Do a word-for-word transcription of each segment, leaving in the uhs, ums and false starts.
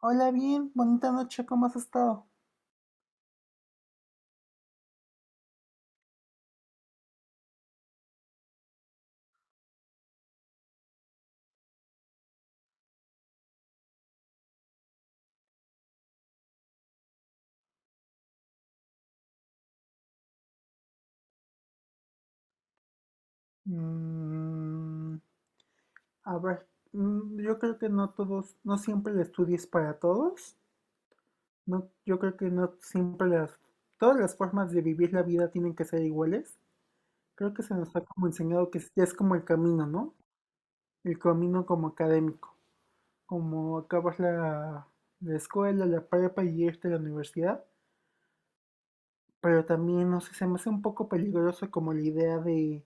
Hola, bien, bonita noche, ¿cómo has estado? Mm, a ver, mm, yo creo que no todos, no siempre el estudio es para todos. No, yo creo que no siempre las, todas las formas de vivir la vida tienen que ser iguales. Creo que se nos ha como enseñado que es- ya es como el camino, ¿no? El camino como académico, como acabas la, la escuela, la prepa y irte a la universidad. Pero también, no sé, se me hace un poco peligroso como la idea de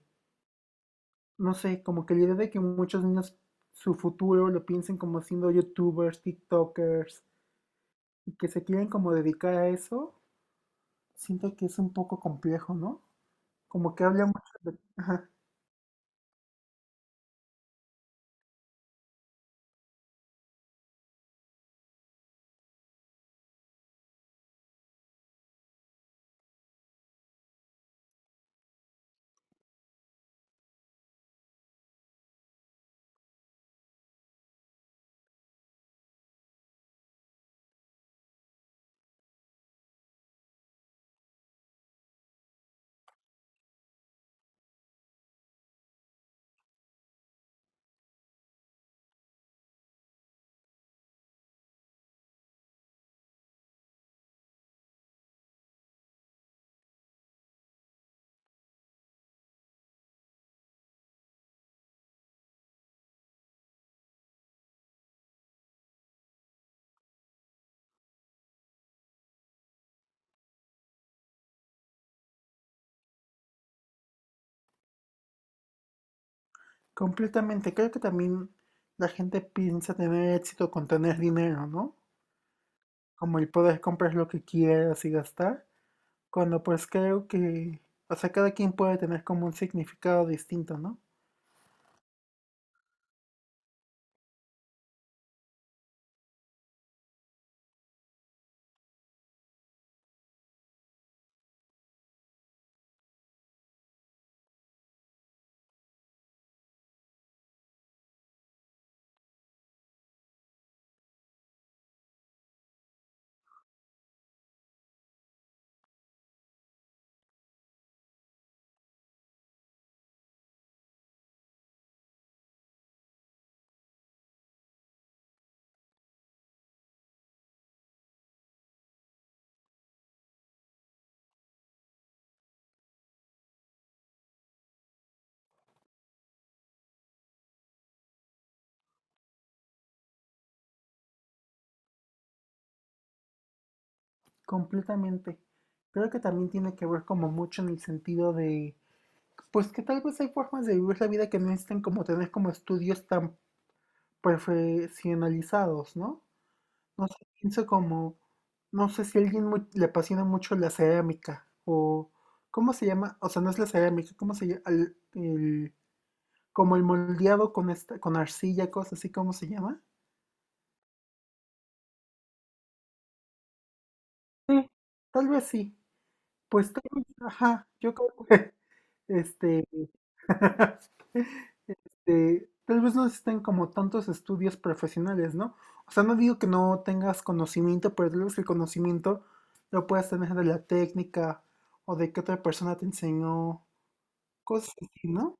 no sé, como que la idea de que muchos niños su futuro lo piensen como siendo youtubers, tiktokers, y que se quieren como dedicar a eso, siento que es un poco complejo, ¿no? Como que habla mucho de... Ajá, completamente. Creo que también la gente piensa tener éxito con tener dinero, ¿no? Como el poder comprar lo que quieras y gastar, cuando pues creo que, o sea, cada quien puede tener como un significado distinto, ¿no? Completamente. Creo que también tiene que ver como mucho en el sentido de pues que tal vez hay formas de vivir la vida que no necesitan como tener como estudios tan profesionalizados, ¿no? No sé, pienso como, no sé si a alguien mu- le apasiona mucho la cerámica o, ¿cómo se llama? O sea, no es la cerámica, ¿cómo se llama? El, el- como el moldeado con esta, con arcilla, cosas así, ¿cómo se llama? Sí, tal vez sí. Pues tal vez, ajá, yo creo que, este, este, tal vez no existen como tantos estudios profesionales, ¿no? O sea, no digo que no tengas conocimiento, pero tal vez el conocimiento lo puedas tener de la técnica o de que otra persona te enseñó, cosas así, ¿no?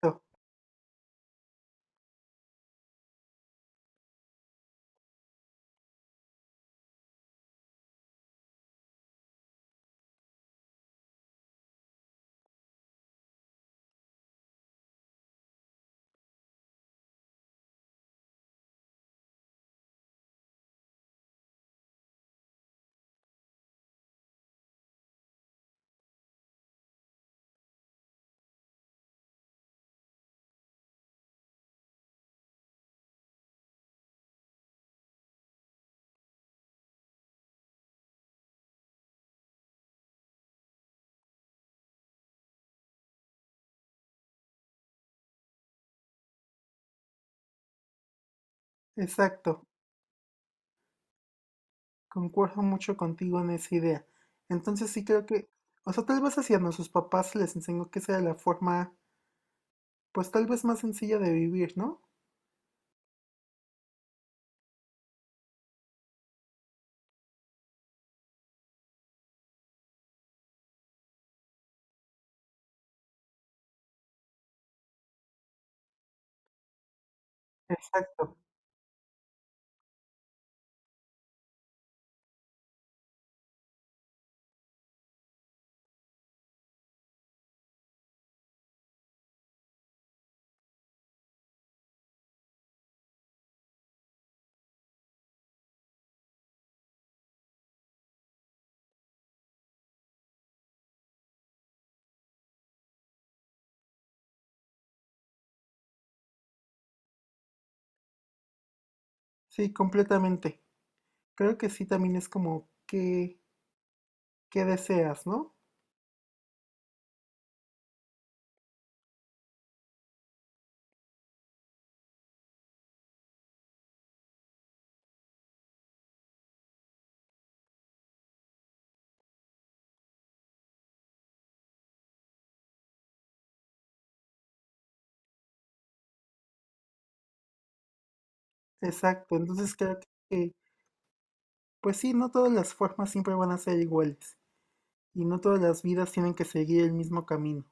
Pero, exacto, concuerdo mucho contigo en esa idea. Entonces sí creo que, o sea, tal vez hacia nuestros papás se les enseñó que esa era la forma, pues tal vez más sencilla de vivir, ¿no? Exacto, sí, completamente. Creo que sí también es como que, qué deseas, ¿no? Exacto, entonces creo que, pues sí, no todas las formas siempre van a ser iguales y no todas las vidas tienen que seguir el mismo camino.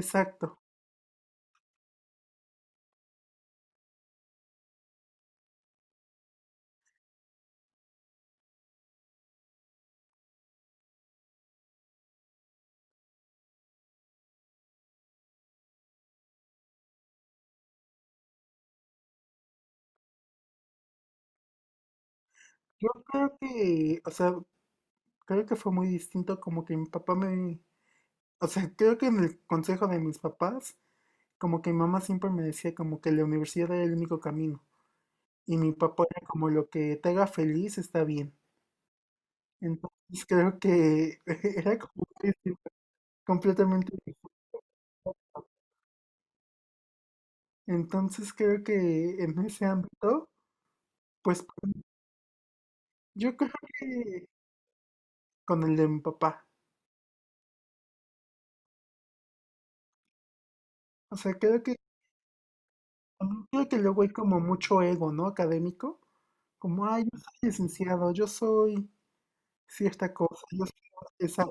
Exacto. Yo creo que, o sea, creo que fue muy distinto como que mi papá me, o sea, creo que en el consejo de mis papás, como que mi mamá siempre me decía como que la universidad era el único camino y mi papá era como lo que te haga feliz está bien. Entonces creo que era como que completamente. Entonces creo que en ese ámbito, pues yo creo que con el de mi papá. O sea, creo que, mm, creo que luego hay como mucho ego, ¿no? Académico. Como, ay, yo soy licenciado, yo soy cierta cosa, yo soy...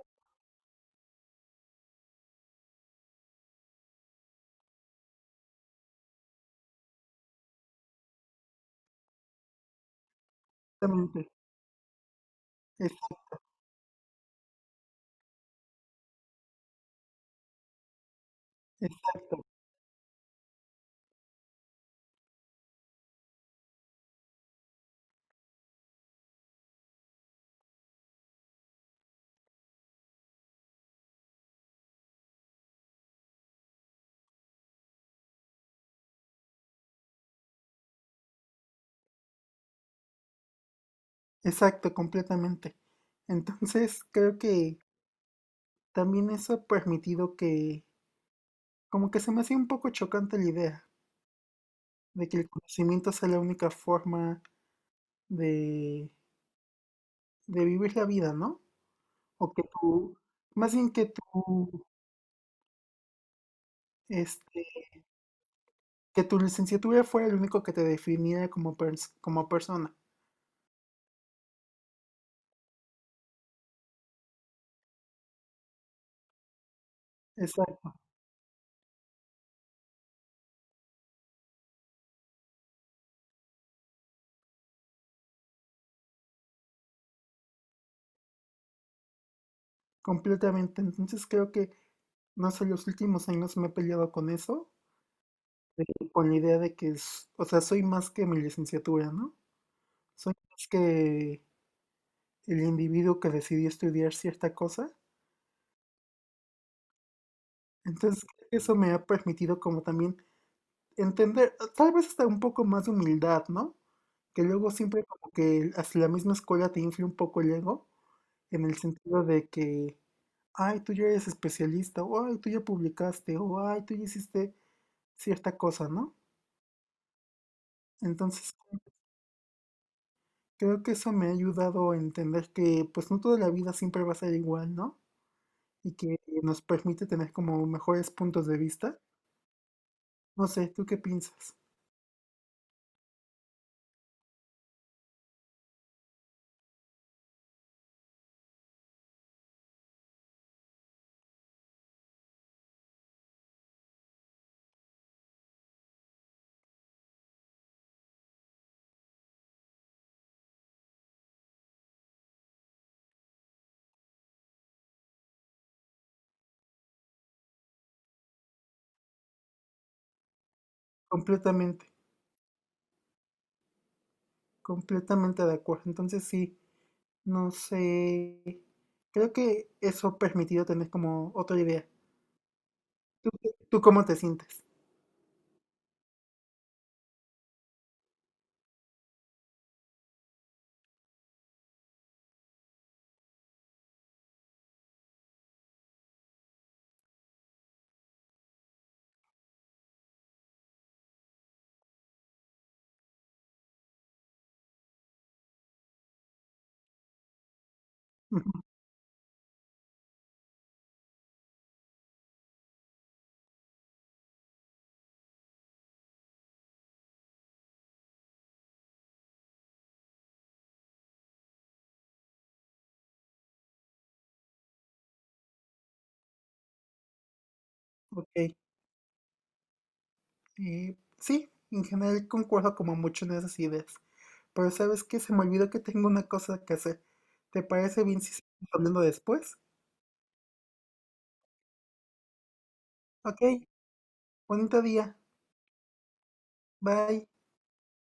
Exactamente, ex- exacto, exacto, completamente. Entonces creo que también eso ha permitido que, como que se me hacía un poco chocante la idea de que el conocimiento sea la única forma de, de vivir la vida, ¿no? O que tú, más bien que tú, este, que tu licenciatura fuera el único que te definiera como, pers- como persona. Exacto, completamente. Entonces creo que, no sé, los últimos años me he peleado con eso, de- con la idea de que, es- o sea, soy más que mi licenciatura, ¿no? Soy más que el individuo que decidió estudiar cierta cosa. Entonces creo que eso me ha permitido como también entender, tal vez hasta un poco más de humildad, ¿no? Que luego siempre como que hasta la misma escuela te infla un poco el ego, en el sentido de que, ay, tú ya eres especialista, o ay, tú ya publicaste, o ay, tú ya hiciste cierta cosa, ¿no? Entonces, creo que eso me ha ayudado a entender que pues no toda la vida siempre va a ser igual, ¿no? Y que nos permite tener como mejores puntos de vista. No sé, ¿tú qué piensas? Completamente, completamente de acuerdo. Entonces, sí, no sé. Creo que eso ha permitido tener como otra idea. ¿Tú, tú cómo te sientes? Ujú, ok. Eh, sí, en general concuerdo como mucho en esas ideas. Pero ¿sabes qué? Se me olvidó que tengo una cosa que hacer. ¿Te parece bien si seguimos hablando después? Ok, bonito día. Bye.